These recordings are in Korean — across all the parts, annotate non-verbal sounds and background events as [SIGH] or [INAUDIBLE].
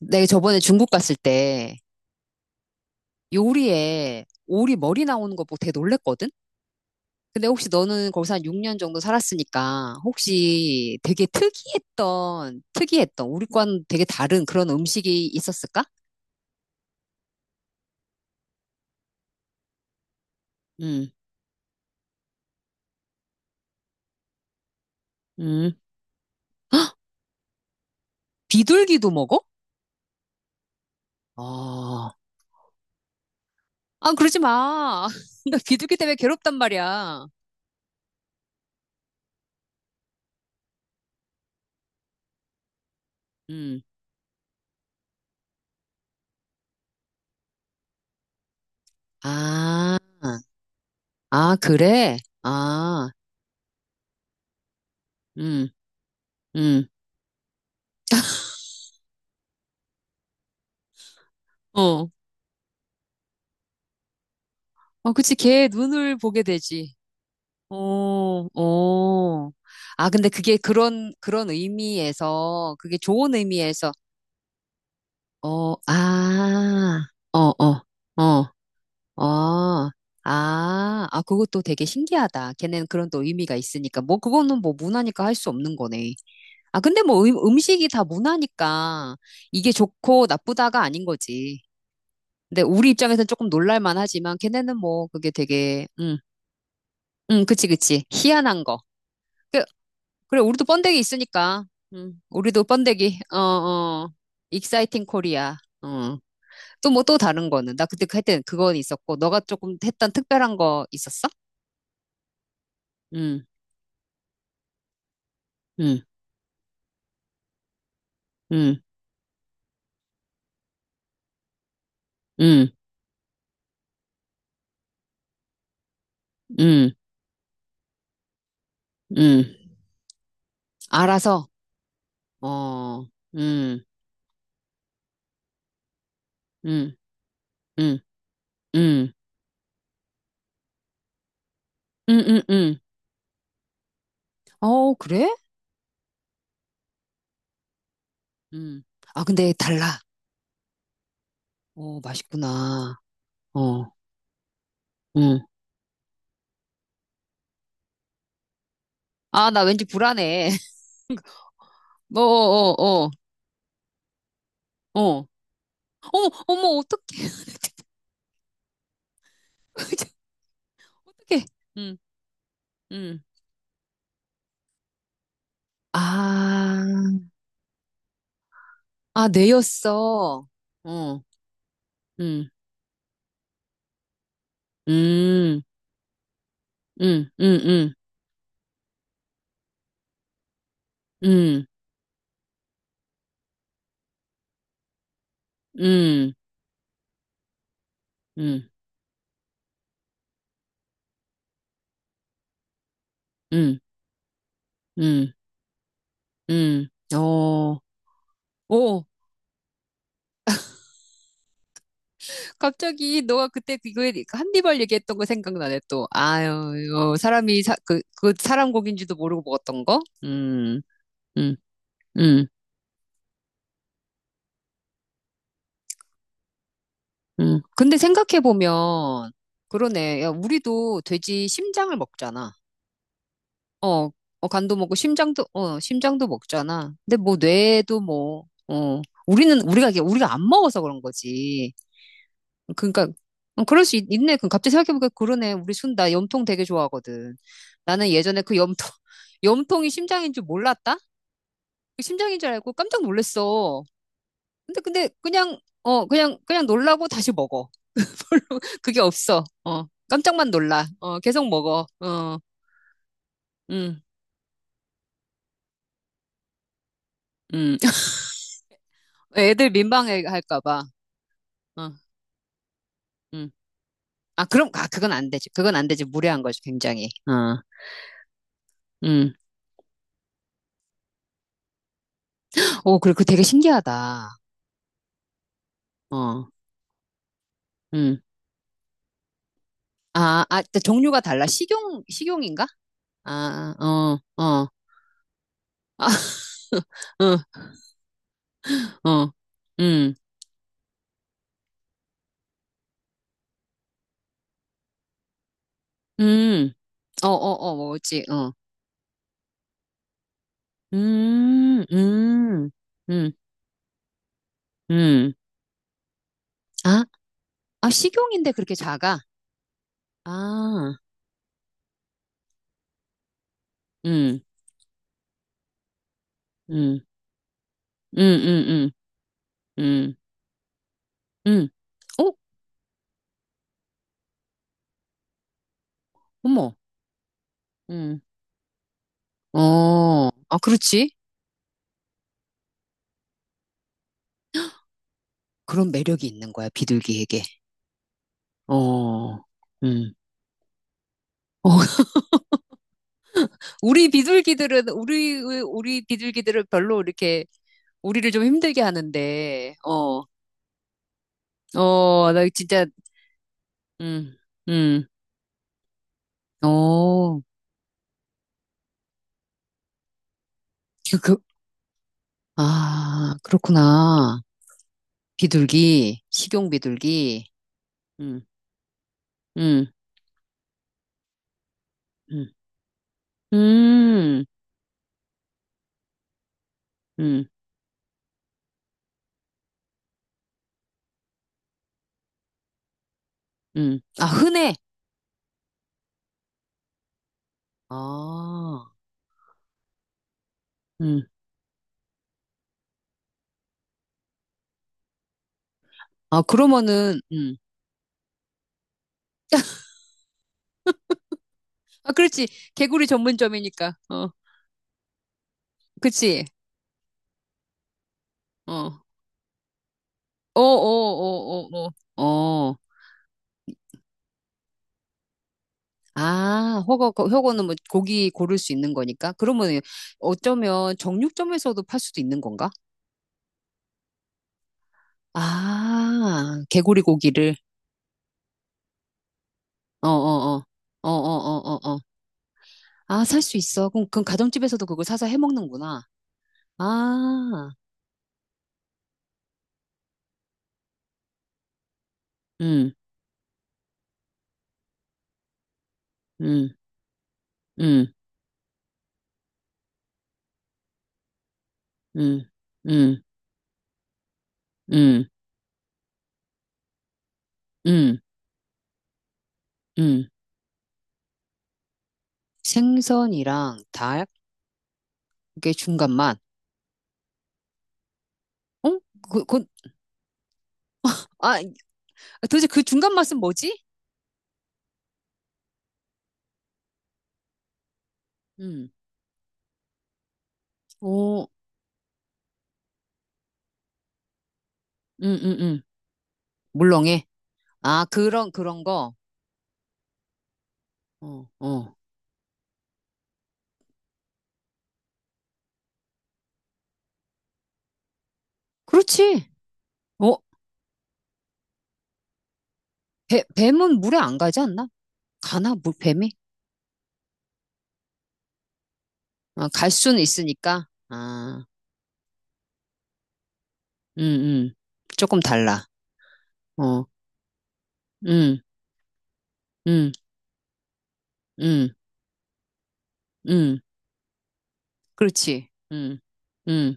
내가 저번에 중국 갔을 때 요리에 오리 머리 나오는 거 보고 되게 놀랬거든? 근데 혹시 너는 거기서 한 6년 정도 살았으니까 혹시 되게 특이했던, 우리과는 되게 다른 그런 음식이 있었을까? 음, 음. 비둘기도 먹어? 아, 아, 그러지 마. [LAUGHS] 나 비둘기 때문에 괴롭단 말이야. 음, 아, 아, 그래? 아, 음, 음. [LAUGHS] 어, 어, 그치. 걔 눈을 보게 되지. 오, 오. 아, 근데 그게 그런 의미에서, 그게 좋은 의미에서, 어, 아, 어, 어, 어, 어, 아, 아, 그것도 되게 신기하다. 걔네는 그런 또 의미가 있으니까. 뭐, 그거는 뭐 문화니까 할 수 없는 거네. 아, 근데 뭐 음식이 다 문화니까 이게 좋고 나쁘다가 아닌 거지. 근데 우리 입장에서는 조금 놀랄만 하지만 걔네는 뭐 그게 되게, 그치, 그치. 희한한 거. 그, 그래, 우리도 번데기 있으니까. 우리도 번데기. 어, 어. 익사이팅 코리아. 어. 또 뭐 또 다른 거는. 나 그때 할땐 그건 있었고, 너가 조금 했던 특별한 거 있었어? 응. 응. 응. 응. 응. 응. 알아서. 어, 응. 응. 응. 응. 응. 응. 응. 어, 그래? 응. 아, 근데 달라. 어, 맛있구나. 어, 응. 아, 나 왠지 불안해. [LAUGHS] 어, 어, 어, 어. 어머, 어머, 어떡해. [LAUGHS] 어떡해. 응, 응. 아, 아, 내였어. 어, 응, 응, 응, 응, 응, 응, 응, 응, 응, 응, 어. 오, 갑자기 너가 그때 그거에 한니발 얘기했던 거 생각나네 또. 아유, 이거 사람이 사, 그, 그 사람 고기인지도 모르고 먹었던 거? 음, 음. 음. 근데 생각해보면, 그러네. 야, 우리도 돼지 심장을 먹잖아. 어, 어, 간도 먹고, 심장도, 어, 심장도 먹잖아. 근데 뭐, 뇌도 뭐, 어, 우리는, 우리가, 이게 우리가 안 먹어서 그런 거지. 그러니까, 어, 그럴 수 있, 네 그럼 갑자기 생각해보니까 그러네. 우리 순, 나 염통 되게 좋아하거든. 나는 예전에 그 염통, [LAUGHS] 염통이 심장인 줄 몰랐다? 그 심장인 줄 알고 깜짝 놀랐어. 근데, 그냥, 어, 그냥 놀라고 다시 먹어. [LAUGHS] 그게 없어. 어, 깜짝만 놀라. 어, 계속 먹어. 어, 음, 음. [LAUGHS] 애들 민망해 할까 봐. 어, 음. 아, 그럼, 아, 그건 안 되지. 그건 안 되지. 무례한 거지, 굉장히. 어, 음. 오, 그리고 되게 신기하다. 어, 음. 아, 아, 근데 종류가 달라. 식용인가? 아, 어, 어, 아, [LAUGHS] 어, 어, 음, 음, 어, 어, 어, 뭐지, 어, 음, 음, 음, 음. 아, 아, 식용인데 그렇게 작아? 아, 음, 음, 음, 음, 음, 음, 음. 어? 어머, 음. 어, 아, 그렇지. 그런 매력이 있는 거야, 비둘기에게. 어, 음. 어, [LAUGHS] 우리 비둘기들은 별로 이렇게, 우리를 좀 힘들게 하는데, 어, 어, 나 진짜, 음, 음, 어, 그, 그, 아, 그렇구나. 비둘기, 식용 비둘기, 음, 음, 음. 음. 음, 아, 흔해. 아, 음. 아, 그러면은, 아, 그렇지. 개구리 전문점이니까. 어, 그치. 어, 어, 어, 어, 어, 어. 어. 아, 허거는 뭐 고기 고를 수 있는 거니까. 그러면 어쩌면 정육점에서도 팔 수도 있는 건가? 아, 개구리 고기를. 어, 어, 어. 어, 어, 어, 어, 어. 아, 살 수 있어. 그럼 가정집에서도 그걸 사서 해 먹는구나. 아, 음, 음, 음. 음, 음, 음, 음, 음. 생선이랑 닭의 중간맛. 어? 그, 그, 아, 도대체 그 중간 맛은 뭐지? 음, 오, 음, 음, 음. 물렁해. 아, 그런 거. 어, 어. 그렇지. 어, 배, 뱀은 물에 안 가지 않나? 가나, 물, 뱀이? 아, 갈 수는 있으니까. 아, 음, 음. 조금 달라. 어, 음, 음, 음, 음. 그렇지. 음.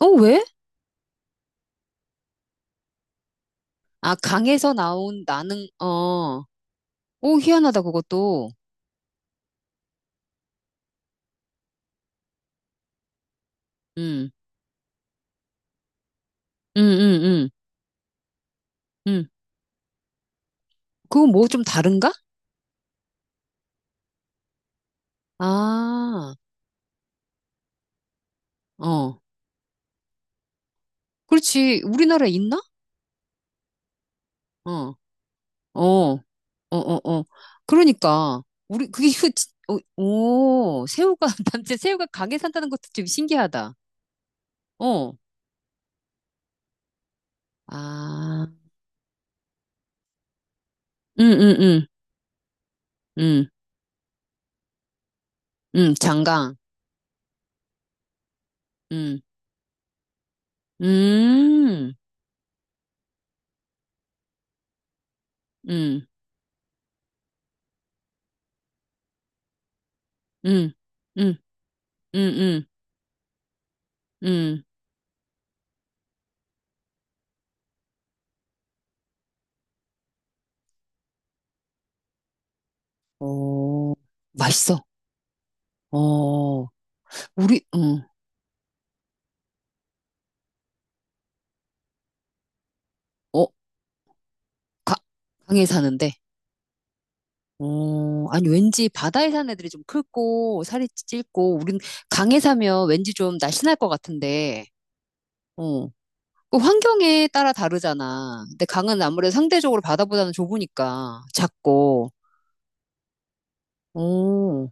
어, 왜? 아, 강에서 나온 나는, 어, 오, 희한하다, 그것도. 음, 음, 음, 음, 음. 그거 뭐 좀 다른가? 아, 어. 그렇지. 우리나라에 있나? 어, 어, 어, 어, 어. 그러니까. 우리, 그게, 이거 진- 어, 오, 새우가, [LAUGHS] 남자 새우가 강에 산다는 것도 좀 신기하다. 어, 아, 음, 음, 음, 음, 장강. 음, 음, 음, 음, 음, 음, 음, 음. 어, 맛있어. 어, 우리, 응, 어, 가, 강에 사는데. 어, 아니, 왠지 바다에 사는 애들이 좀 크고, 살이 찔고, 우린 강에 사면 왠지 좀 날씬할 것 같은데, 어, 그 환경에 따라 다르잖아. 근데 강은 아무래도 상대적으로 바다보다는 좁으니까, 작고, 어,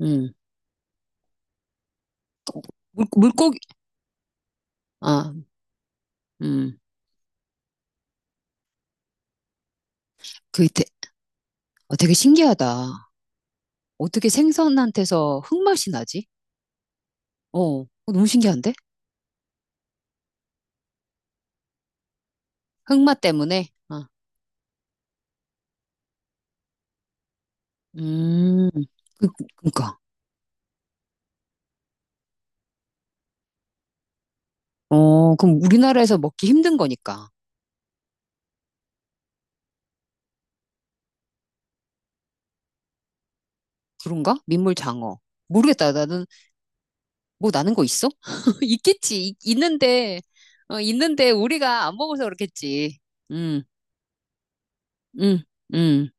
응. 물고기, 아, 음, 그, 되, 되게 신기하다. 어떻게 생선한테서 흙맛이 나지? 어, 어, 너무 신기한데? 흑마 때문에? 어. 음, 그, 그니까. 어, 그럼 우리나라에서 먹기 힘든 거니까. 그런가? 민물 장어. 모르겠다. 나는, 뭐 나는 거 있어? [LAUGHS] 있겠지. 있는데, 어, 있는데 우리가 안 먹어서 그렇겠지. 음, 음, 음.